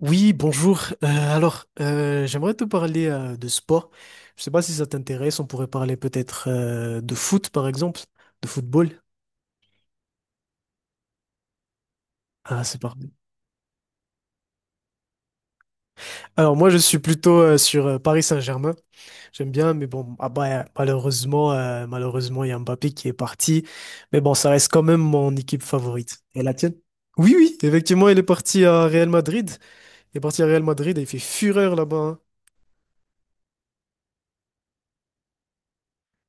Oui, bonjour. J'aimerais te parler de sport. Je sais pas si ça t'intéresse. On pourrait parler peut-être de foot, par exemple, de football. Ah, c'est parfait. Alors moi, je suis plutôt sur Paris Saint-Germain. J'aime bien, mais bon, ah bah, malheureusement, il y a Mbappé qui est parti. Mais bon, ça reste quand même mon équipe favorite. Et la tienne? Oui, oui, effectivement, il est parti à Real Madrid. Il est parti à Real Madrid et il fait fureur là-bas, hein.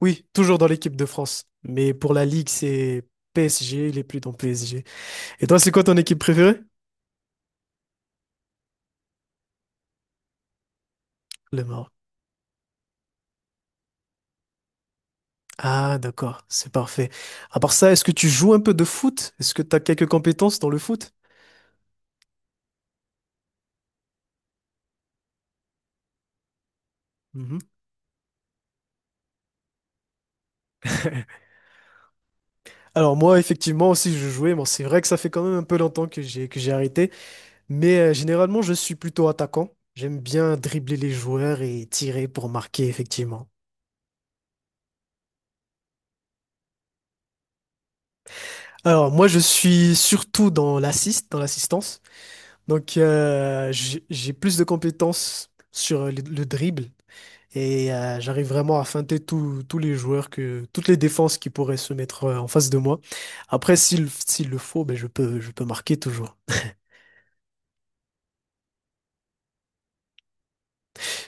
Oui, toujours dans l'équipe de France. Mais pour la Ligue, c'est PSG, il est plus dans PSG. Et toi, c'est quoi ton équipe préférée? Le Maroc. Ah, d'accord, c'est parfait. À part ça, est-ce que tu joues un peu de foot? Est-ce que tu as quelques compétences dans le foot? Mhm. Alors moi, effectivement, aussi, je jouais. Bon, c'est vrai que ça fait quand même un peu longtemps que j'ai arrêté. Mais généralement, je suis plutôt attaquant. J'aime bien dribbler les joueurs et tirer pour marquer, effectivement. Alors moi, je suis surtout dans l'assist, dans l'assistance. Donc, j'ai plus de compétences sur le dribble et j'arrive vraiment à feinter tous les joueurs, toutes les défenses qui pourraient se mettre en face de moi. Après, s'il le faut, ben, je peux marquer toujours.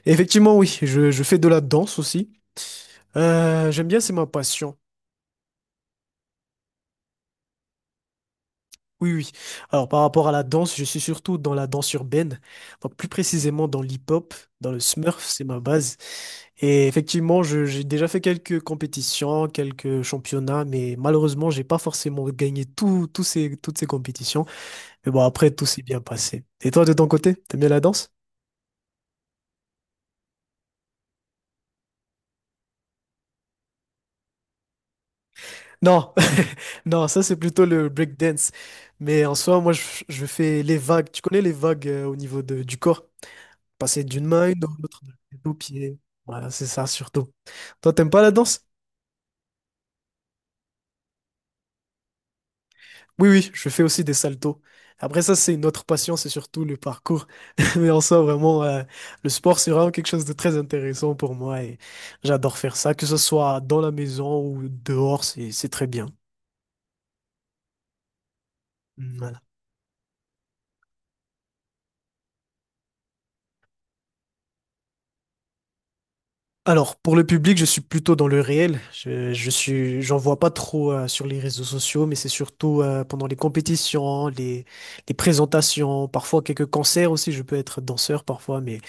Et effectivement, oui, je fais de la danse aussi. J'aime bien, c'est ma passion. Oui, oui. Alors, par rapport à la danse, je suis surtout dans la danse urbaine, donc plus précisément dans l'hip-hop, dans le Smurf, c'est ma base. Et effectivement, j'ai déjà fait quelques compétitions, quelques championnats, mais malheureusement, j'ai pas forcément gagné toutes ces compétitions. Mais bon, après, tout s'est bien passé. Et toi, de ton côté, t'aimes bien la danse? Non, non, ça c'est plutôt le breakdance. Mais en soi, je fais les vagues. Tu connais les vagues au niveau du corps? Passer d'une main à une autre, de la tête aux pieds. Voilà, c'est ça surtout. Toi, t'aimes pas la danse? Oui, oui, je fais aussi des saltos. Après ça, c'est une autre passion, c'est surtout le parcours. Mais en soi, vraiment, le sport, c'est vraiment quelque chose de très intéressant pour moi et j'adore faire ça, que ce soit dans la maison ou dehors, c'est très bien. Voilà. Alors, pour le public, je suis plutôt dans le réel. Je suis, j'en vois pas trop sur les réseaux sociaux, mais c'est surtout pendant les compétitions, les présentations, parfois quelques concerts aussi. Je peux être danseur parfois, mais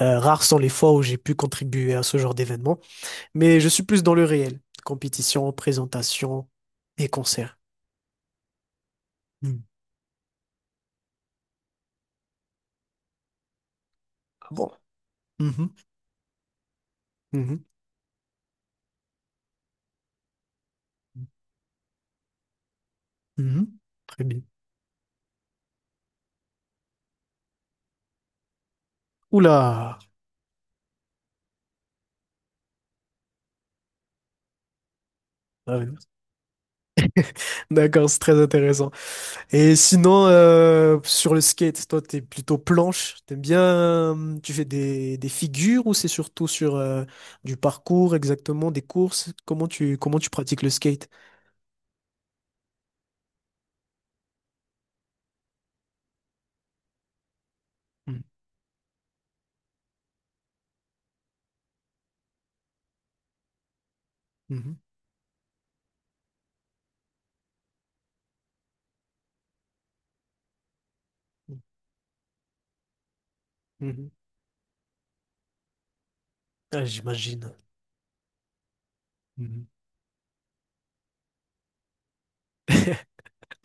rares sont les fois où j'ai pu contribuer à ce genre d'événement. Mais je suis plus dans le réel. Compétition, présentation et concerts. Hmm. Ah bon. Mhm, mhm, mhm. Très bien. Oula! Ah oui. D'accord, c'est très intéressant. Et sinon, sur le skate, toi, t'es plutôt planche. T'aimes bien, tu fais des figures ou c'est surtout sur du parcours exactement, des courses? Comment tu pratiques le skate? Mhm, mhm, mhm. Ah, j'imagine. Mhm.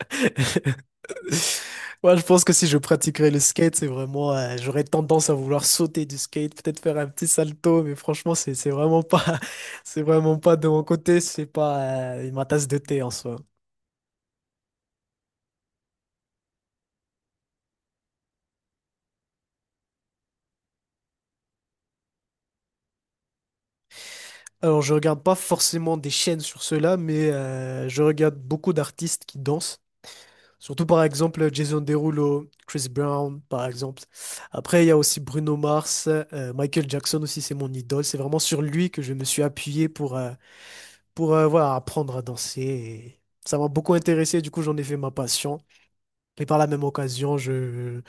Moi, je pense que si je pratiquerais le skate, c'est vraiment, j'aurais tendance à vouloir sauter du skate, peut-être faire un petit salto, mais franchement, c'est vraiment pas, c'est vraiment pas de mon côté, c'est pas ma tasse de thé en soi. Alors, je regarde pas forcément des chaînes sur cela, mais je regarde beaucoup d'artistes qui dansent. Surtout par exemple Jason Derulo, Chris Brown par exemple. Après il y a aussi Bruno Mars, Michael Jackson aussi c'est mon idole. C'est vraiment sur lui que je me suis appuyé pour, voilà, apprendre à danser, et ça m'a beaucoup intéressé, du coup j'en ai fait ma passion. Et par la même occasion,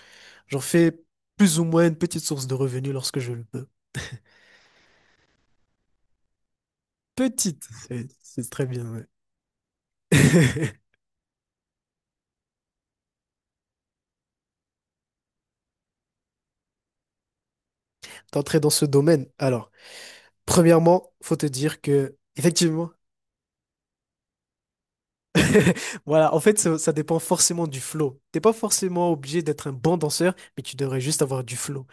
j'en fais plus ou moins une petite source de revenus lorsque je le peux. Petite, c'est très bien, ouais. D'entrer dans ce domaine. Alors, premièrement, faut te dire que, effectivement, voilà, en fait, ça dépend forcément du flow. T'es pas forcément obligé d'être un bon danseur, mais tu devrais juste avoir du flow.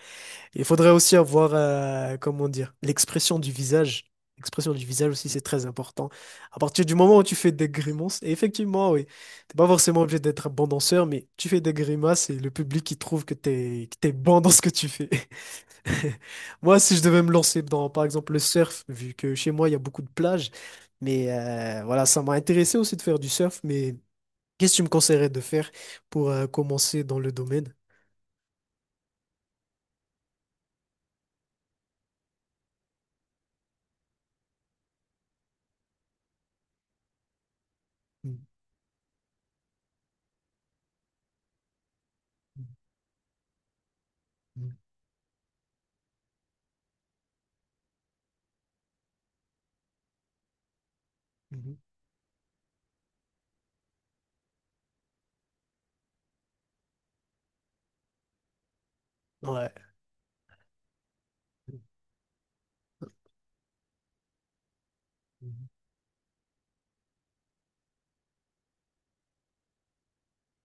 Il faudrait aussi avoir, comment dire, l'expression du visage. L'expression du visage aussi, c'est très important. À partir du moment où tu fais des grimaces, et effectivement, oui, t'es pas forcément obligé d'être un bon danseur, mais tu fais des grimaces et le public, il trouve que que t'es bon dans ce que tu fais. Moi, si je devais me lancer dans, par exemple, le surf, vu que chez moi, il y a beaucoup de plages, mais voilà, ça m'a intéressé aussi de faire du surf, mais qu'est-ce que tu me conseillerais de faire pour commencer dans le domaine? Hmm. Mhm, mhm. Ouais. Mhm.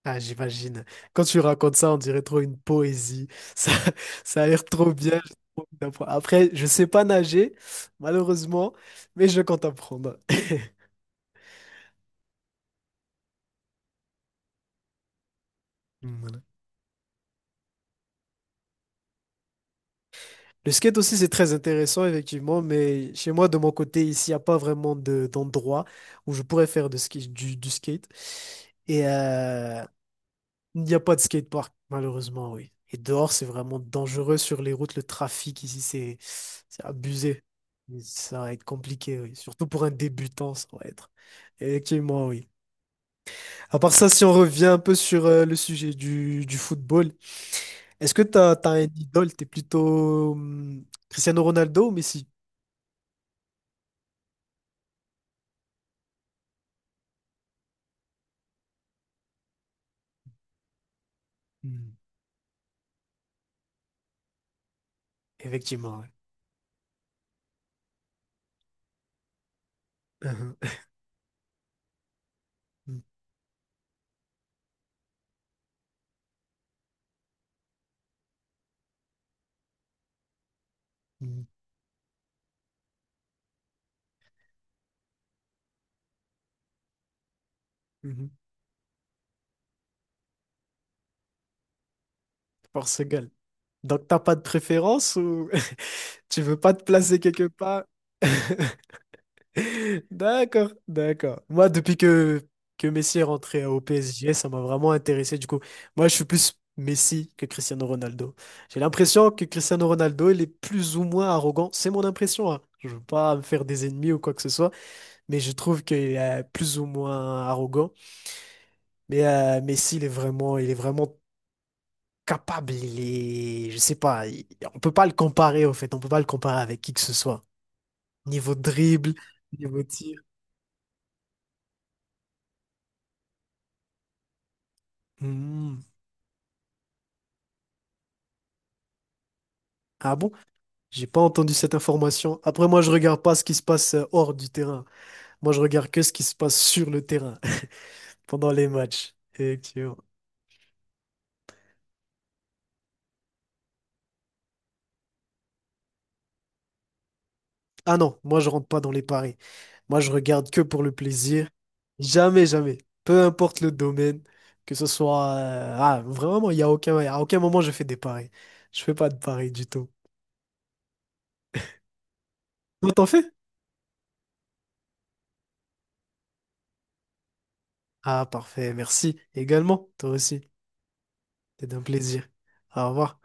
Ah, j'imagine. Quand tu racontes ça, on dirait trop une poésie. Ça, ça a l'air trop bien, j'ai trop envie d'apprendre. Après, je sais pas nager, malheureusement, mais je compte apprendre. Mm, voilà. Le skate aussi, c'est très intéressant, effectivement, mais chez moi, de mon côté, ici, il n'y a pas vraiment d'endroit où je pourrais faire de ski, du skate. Et euh, Il n'y a pas de skatepark, malheureusement, oui. Et dehors, c'est vraiment dangereux sur les routes. Le trafic ici, c'est abusé. Et ça va être compliqué, oui. Surtout pour un débutant, ça va être. Effectivement, oui. À part ça, si on revient un peu sur le sujet du football, est-ce que t'as un idole? T'es plutôt Cristiano Ronaldo ou Messi? Hmm. Effectivement, ouais. Uhum. Mhm. Mhm. Mhm. Portugal. Donc, t'as pas de préférence ou tu veux pas te placer quelque part? D'accord, d'accord. Moi, depuis que Messi est rentré au PSG, ça m'a vraiment intéressé. Du coup, moi, je suis plus Messi que Cristiano Ronaldo. J'ai l'impression que Cristiano Ronaldo, il est plus ou moins arrogant. C'est mon impression, hein. Je veux pas me faire des ennemis ou quoi que ce soit, mais je trouve qu'il est plus ou moins arrogant. Mais Messi, il est vraiment capable. Il est, je sais pas, on peut pas le comparer, au fait. On peut pas le comparer avec qui que ce soit. Niveau dribble, niveau tir. Hmm. Ah bon? J'ai pas entendu cette information. Après, moi, je regarde pas ce qui se passe hors du terrain. Moi, je regarde que ce qui se passe sur le terrain pendant les matchs. Effectivement. Ah non, moi, je rentre pas dans les paris. Moi, je regarde que pour le plaisir. Jamais, jamais. Peu importe le domaine, que ce soit. Ah, vraiment, il y a aucun, à aucun moment, je fais des paris. Je fais pas de paris du tout. Toi, t'en fais? Ah, parfait. Merci également. Toi aussi. C'est un plaisir. Au revoir.